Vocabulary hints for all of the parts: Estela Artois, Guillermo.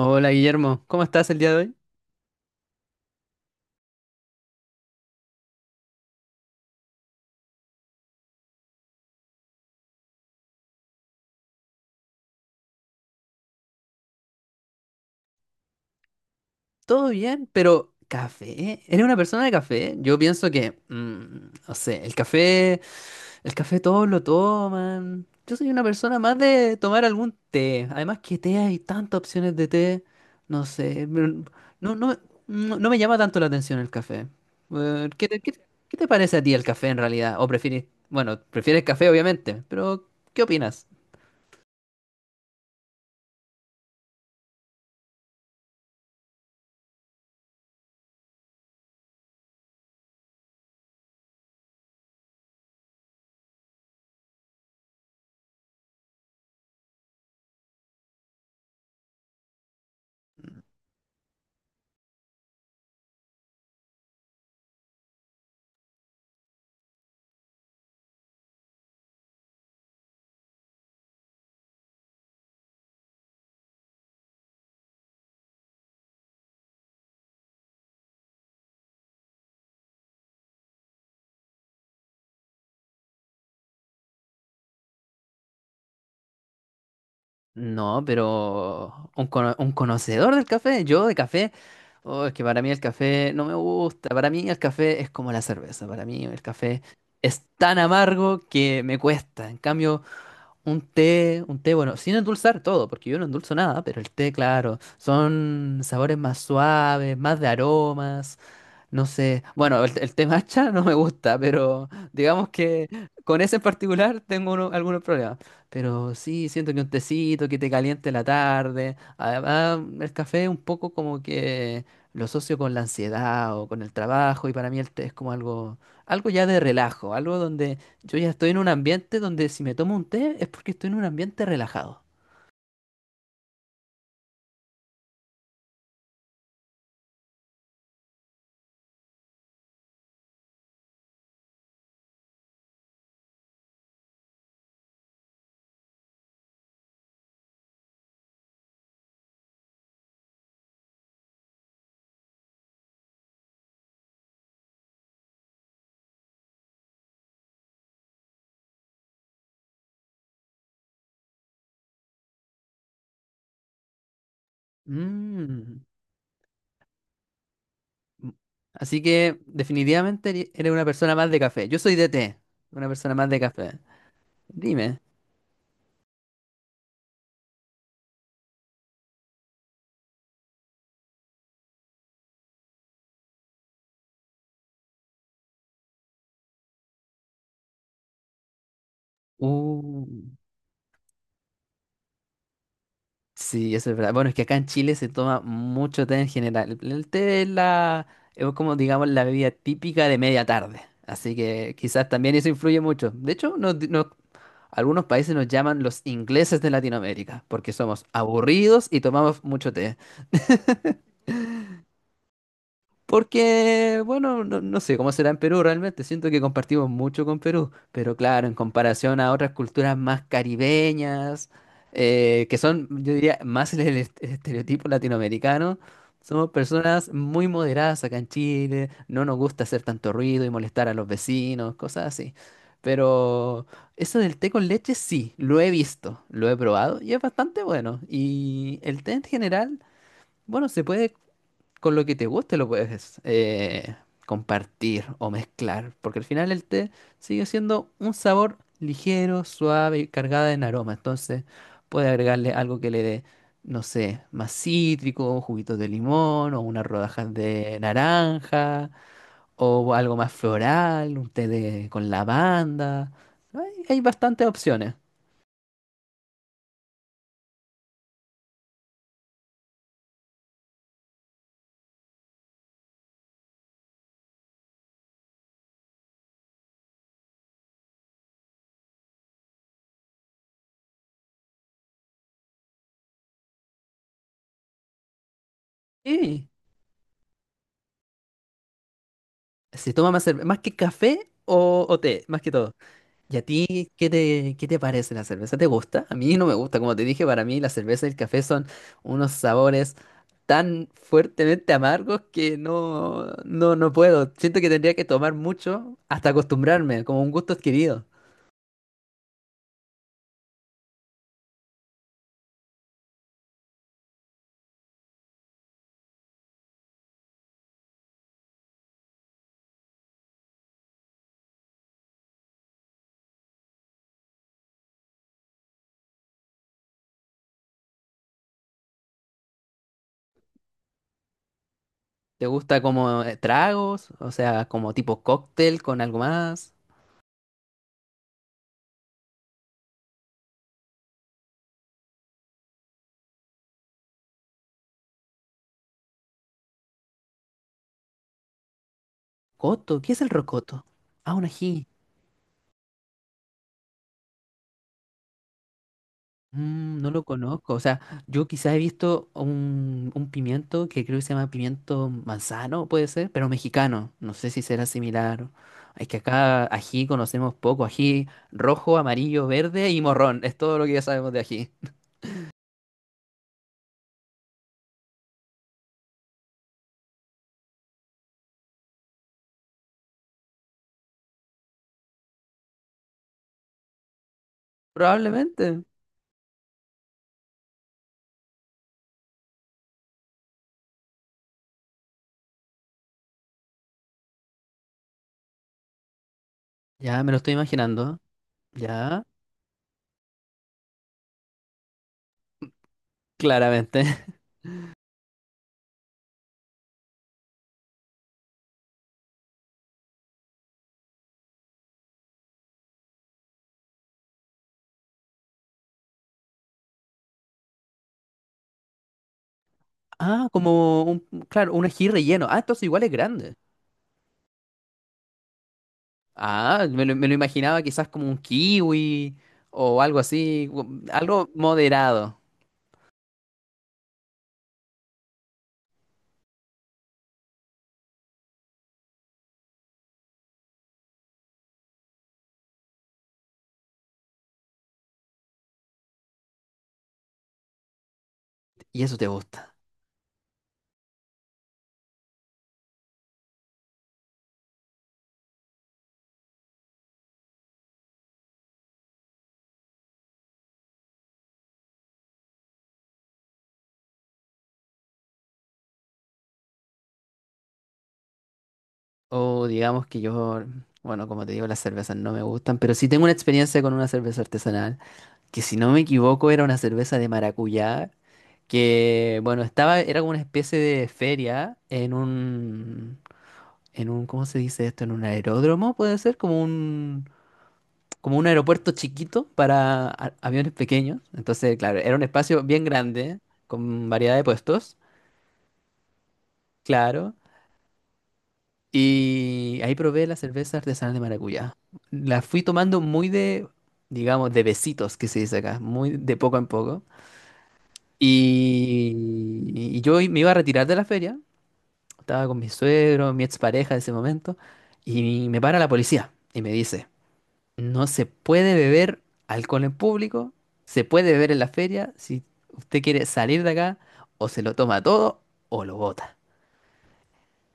Hola Guillermo, ¿cómo estás el día de hoy? Todo bien, pero café. ¿Eh? ¿Eres una persona de café? Yo pienso que, no sé, el café todos lo toman. Yo soy una persona más de tomar algún té. Además que té hay tantas opciones de té. No sé. No, no, no, no me llama tanto la atención el café. ¿Qué te, qué te parece a ti el café en realidad? ¿O prefieres, bueno, prefieres café obviamente, pero qué opinas? No, pero un, un conocedor del café, yo de café, oh, es que para mí el café no me gusta, para mí el café es como la cerveza, para mí el café es tan amargo que me cuesta, en cambio un té, bueno, sin endulzar todo, porque yo no endulzo nada, pero el té, claro, son sabores más suaves, más de aromas, no sé. Bueno, el té matcha no me gusta, pero digamos que con ese en particular tengo algunos problemas. Pero sí, siento que un tecito que te caliente la tarde. Además, el café un poco como que lo asocio con la ansiedad o con el trabajo, y para mí el té es como algo, algo ya de relajo, algo donde yo ya estoy en un ambiente donde si me tomo un té es porque estoy en un ambiente relajado. Mm. Así que definitivamente eres una persona más de café. Yo soy de té, una persona más de café. Dime. Uh. Sí, eso es verdad. Bueno, es que acá en Chile se toma mucho té en general. El té es la, es como digamos la bebida típica de media tarde. Así que quizás también eso influye mucho. De hecho, nos, algunos países nos llaman los ingleses de Latinoamérica, porque somos aburridos y tomamos mucho té. Porque, bueno, no, no sé cómo será en Perú realmente, siento que compartimos mucho con Perú, pero claro, en comparación a otras culturas más caribeñas, que son, yo diría, más el, el estereotipo latinoamericano, somos personas muy moderadas acá en Chile, no nos gusta hacer tanto ruido y molestar a los vecinos, cosas así. Pero eso del té con leche sí, lo he visto, lo he probado y es bastante bueno. Y el té en general... Bueno, se puede con lo que te guste lo puedes compartir o mezclar, porque al final el té sigue siendo un sabor ligero, suave y cargada en aroma. Entonces, puede agregarle algo que le dé, no sé, más cítrico, juguitos de limón o unas rodajas de naranja o algo más floral, un té de, con lavanda. Hay bastantes opciones. Y se toma más, más que café o té, más que todo. ¿Y a ti qué te parece la cerveza? ¿Te gusta? A mí no me gusta. Como te dije, para mí la cerveza y el café son unos sabores tan fuertemente amargos que no, no, no puedo. Siento que tendría que tomar mucho hasta acostumbrarme, como un gusto adquirido. ¿Te gusta como tragos? O sea, como tipo cóctel con algo más. ¿Coto? ¿Qué es el rocoto? Ah, un ají. Mm, no lo conozco. O sea, yo quizás he visto un pimiento que creo que se llama pimiento manzano, puede ser, pero mexicano. No sé si será similar. Es que acá ají conocemos poco. Ají rojo, amarillo, verde y morrón. Es todo lo que ya sabemos de ají. Probablemente. Ya me lo estoy imaginando. Ya, claramente. Ah, como un, claro, un ají relleno. Ah, entonces igual es grande. Ah, me lo imaginaba quizás como un kiwi o algo así, algo moderado. Y eso te gusta. O digamos que yo, bueno, como te digo, las cervezas no me gustan, pero sí tengo una experiencia con una cerveza artesanal, que si no me equivoco era una cerveza de maracuyá, que bueno, estaba, era como una especie de feria en un, ¿cómo se dice esto? En un aeródromo, puede ser, como un aeropuerto chiquito para aviones pequeños. Entonces, claro, era un espacio bien grande, con variedad de puestos, claro. Y ahí probé la cerveza artesanal de maracuyá. La fui tomando muy de, digamos, de besitos, que se dice acá, muy de poco en poco. Y yo me iba a retirar de la feria, estaba con mi suegro, mi expareja de ese momento, y me para la policía y me dice, no se puede beber alcohol en público, se puede beber en la feria, si usted quiere salir de acá, o se lo toma todo o lo bota.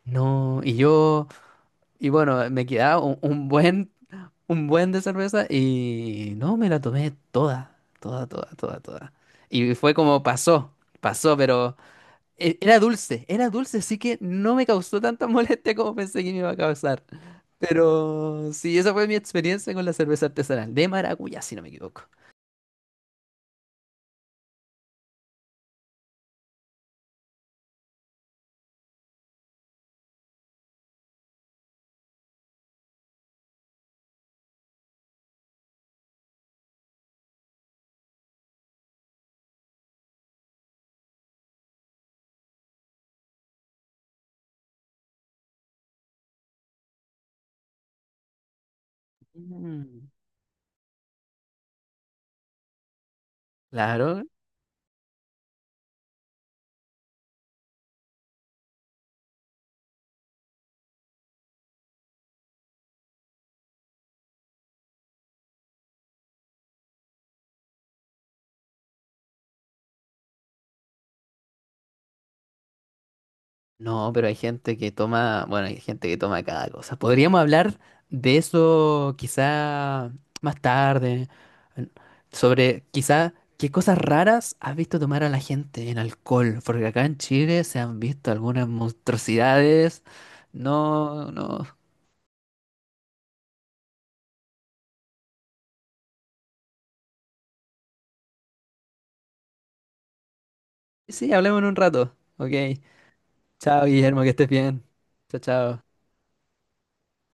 No, y yo... Y bueno, me quedaba un buen de cerveza y no, me la tomé toda, toda, toda, toda, toda. Y fue como pasó, pasó, pero era dulce, así que no me causó tanta molestia como pensé que me iba a causar. Pero sí, esa fue mi experiencia con la cerveza artesanal de maracuyá, si no me equivoco. Mm. Claro, no, pero hay gente que toma, bueno, hay gente que toma cada cosa. Podríamos hablar de eso quizá más tarde, en- sobre quizá qué cosas raras has visto tomar a la gente en alcohol, porque acá en Chile se han visto algunas monstruosidades. No, no. Sí, sí, hablemos en un rato. Ok. Chao, Guillermo, que estés bien. Chao, chao.